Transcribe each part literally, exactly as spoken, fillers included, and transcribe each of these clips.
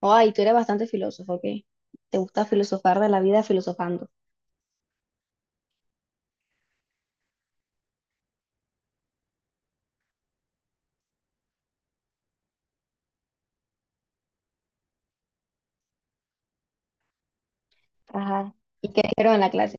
Ay, tú eres bastante filósofo, ¿ok? Te gusta filosofar de la vida filosofando. Ajá. ¿Y qué dijeron en la clase?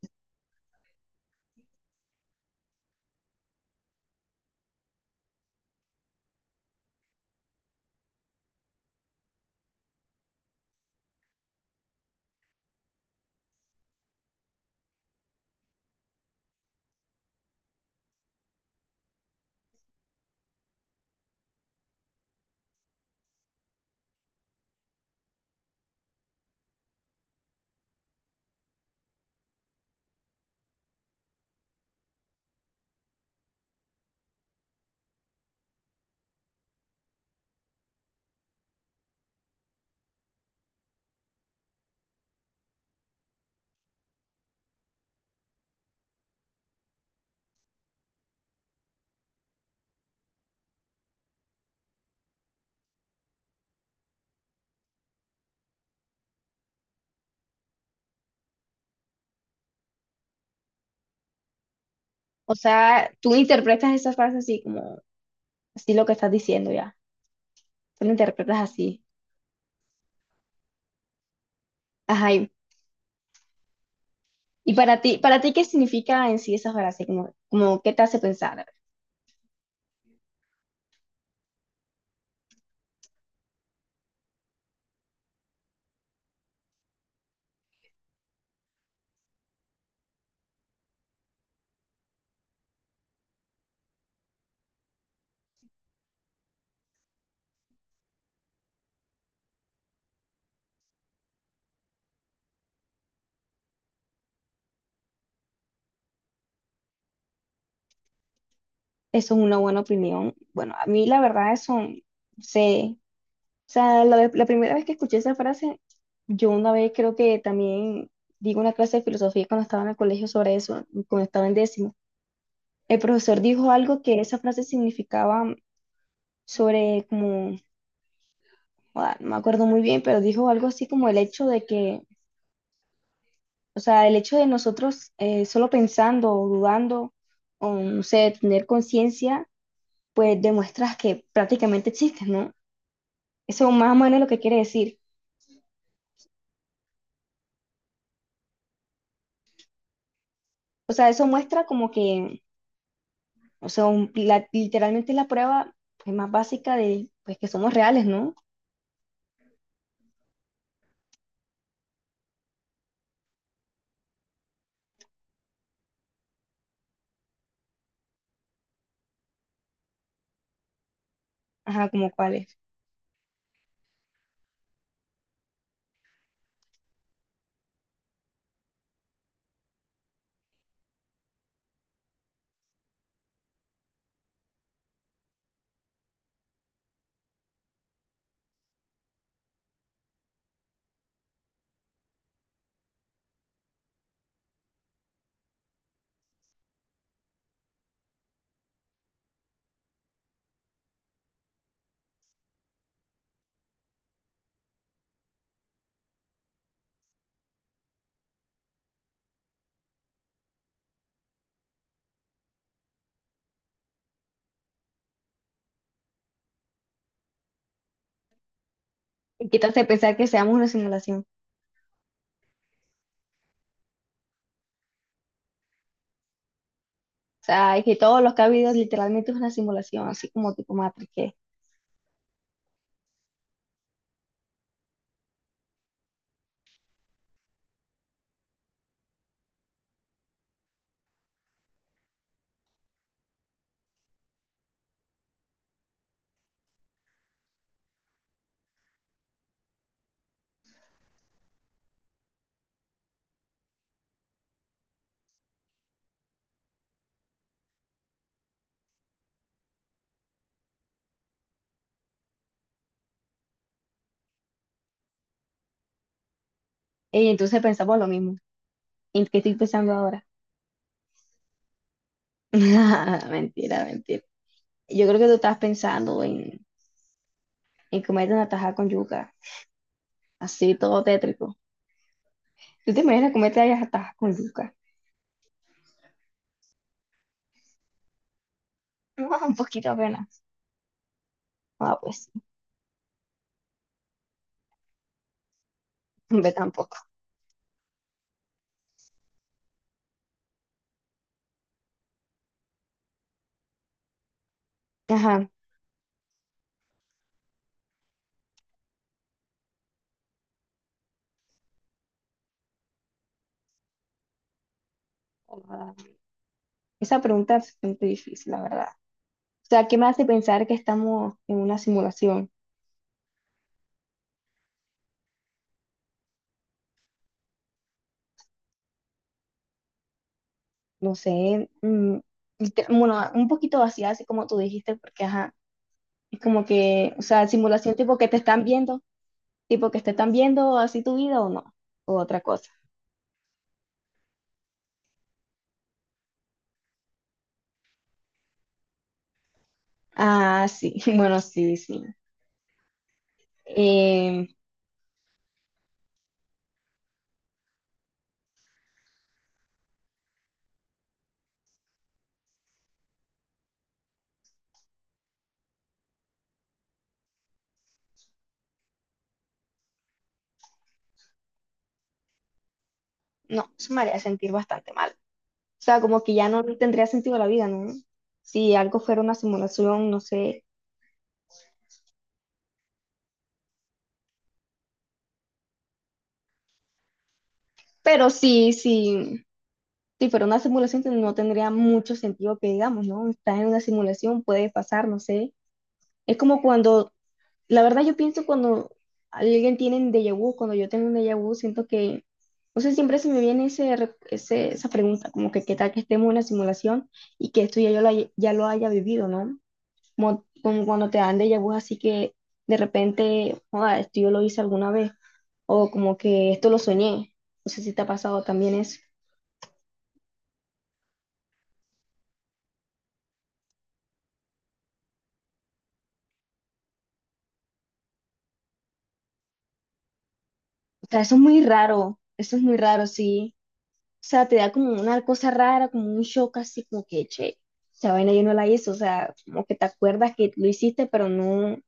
O sea, tú interpretas esa frase así como, así lo que estás diciendo ya. Tú lo interpretas así. Ajá. Y, y para ti, para ti, ¿qué significa en sí esa frase? Como, como, ¿qué te hace pensar? Eso es una buena opinión. Bueno, a mí la verdad eso, sé. O sea, la, ve- la primera vez que escuché esa frase, yo una vez creo que también di una clase de filosofía cuando estaba en el colegio sobre eso, cuando estaba en décimo. El profesor dijo algo que esa frase significaba sobre como, ah, no me acuerdo muy bien, pero dijo algo así como el hecho de que, o sea, el hecho de nosotros eh, solo pensando o dudando o no sé, tener conciencia, pues demuestras que prácticamente existes, ¿no? Eso más o menos es lo que quiere decir. O sea, eso muestra como que, o sea, un- la- literalmente es la prueba pues, más básica de pues, que somos reales, ¿no? Ajá, como cuáles. Y quítate de pensar que seamos una simulación. Sea, es que todos los que ha habido literalmente es una simulación, así como tipo Matrix. que- Y entonces pensamos lo mismo. ¿En qué estoy pensando ahora? Mentira, mentira. Yo creo que tú estás pensando en, en comerte una tajada con yuca, así todo tétrico. ¿Tú te imaginas comerte una taja con yuca? No, un poquito apenas. Ah, pues, ve tampoco. Ajá. Ah, esa pregunta es bastante difícil, la verdad. O sea, ¿qué me hace pensar que estamos en una simulación? No sé, mm, lite- bueno, un poquito vacía, así como tú dijiste, porque ajá, es como que, o sea, simulación tipo que te están viendo, tipo que te están viendo así tu vida o no, o otra cosa. Ah, sí, bueno, sí, sí. Em, no, eso me haría sentir bastante mal. O sea, como que ya no tendría sentido la vida, ¿no? Si algo fuera una simulación, no sé. Pero sí, sí, si fuera una simulación ten- no tendría mucho sentido que digamos, ¿no? Estás en una simulación, puede pasar, no sé. Es como cuando La verdad, yo pienso cuando alguien tiene un déjà vu, cuando yo tengo un déjà vu, siento que, no sé, siempre se me viene ese, re- ese- esa pregunta, como que qué tal que estemos en una simulación y que esto ya yo lo, haya- ya lo haya vivido, ¿no? Como, como cuando te dan déjà vu, así que de repente, joda, esto yo lo hice alguna vez, o como que esto lo soñé. No sé si te ha pasado también eso. O sea, eso es muy raro, eso es muy raro, sí. Sea, te da como una cosa rara, como un shock así, como que, che, esa vaina yo no la hice, o sea, como que te acuerdas que lo hiciste, pero no,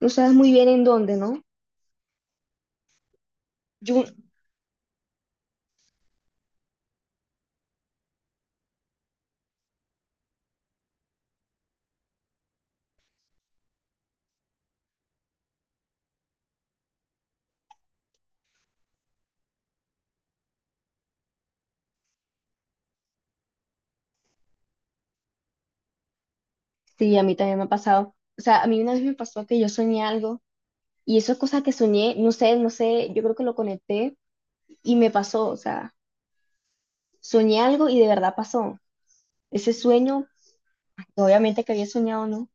no sabes muy bien en dónde, ¿no? Yo, sí, a mí también me ha pasado, o sea, a mí una vez me pasó que yo soñé algo, y eso es cosa que soñé, no sé, no sé, yo creo que lo conecté, y me pasó, o sea, soñé algo y de verdad pasó, ese sueño, obviamente que había soñado, ¿no?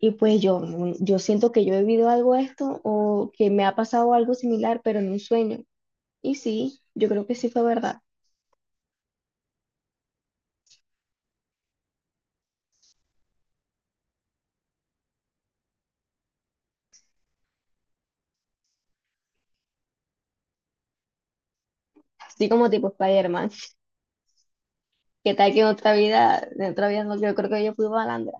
Y pues yo, yo siento que yo he vivido algo esto, o que me ha pasado algo similar, pero en un sueño. Y sí, yo creo que sí fue verdad. Así como tipo Spider-Man. ¿Qué tal que en otra vida, en otra vida no, yo creo que yo fui malandra.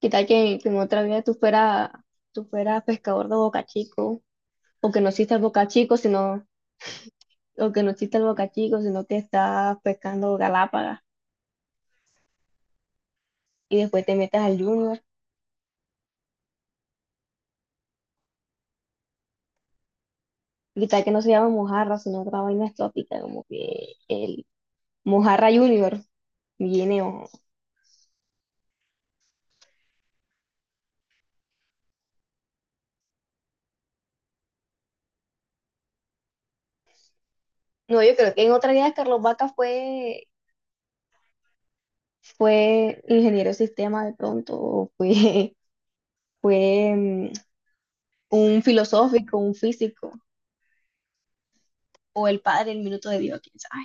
¿Qué tal que, que en otra vida tú fueras tú fueras pescador de Boca Chico? O que no existe el Boca Chico, sino, o que no existe el Boca Chico, sino que estás pescando Galápagos y después te metes al Junior. ¿Qué tal que no se llama mojarra, sino otra vaina exótica, como que el mojarra Junior viene ojo. No, yo creo que en otra vida Carlos Vaca fue fue ingeniero de sistema de pronto, o fue, fue mm, un filosófico, un físico, o el padre del minuto de Dios, quién sabe.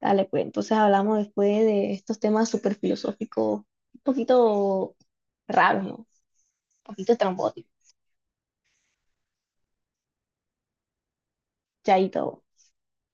Dale, pues entonces hablamos después de estos temas súper filosóficos, un poquito raros, ¿no? Un poquito estrambóticos. Chaito.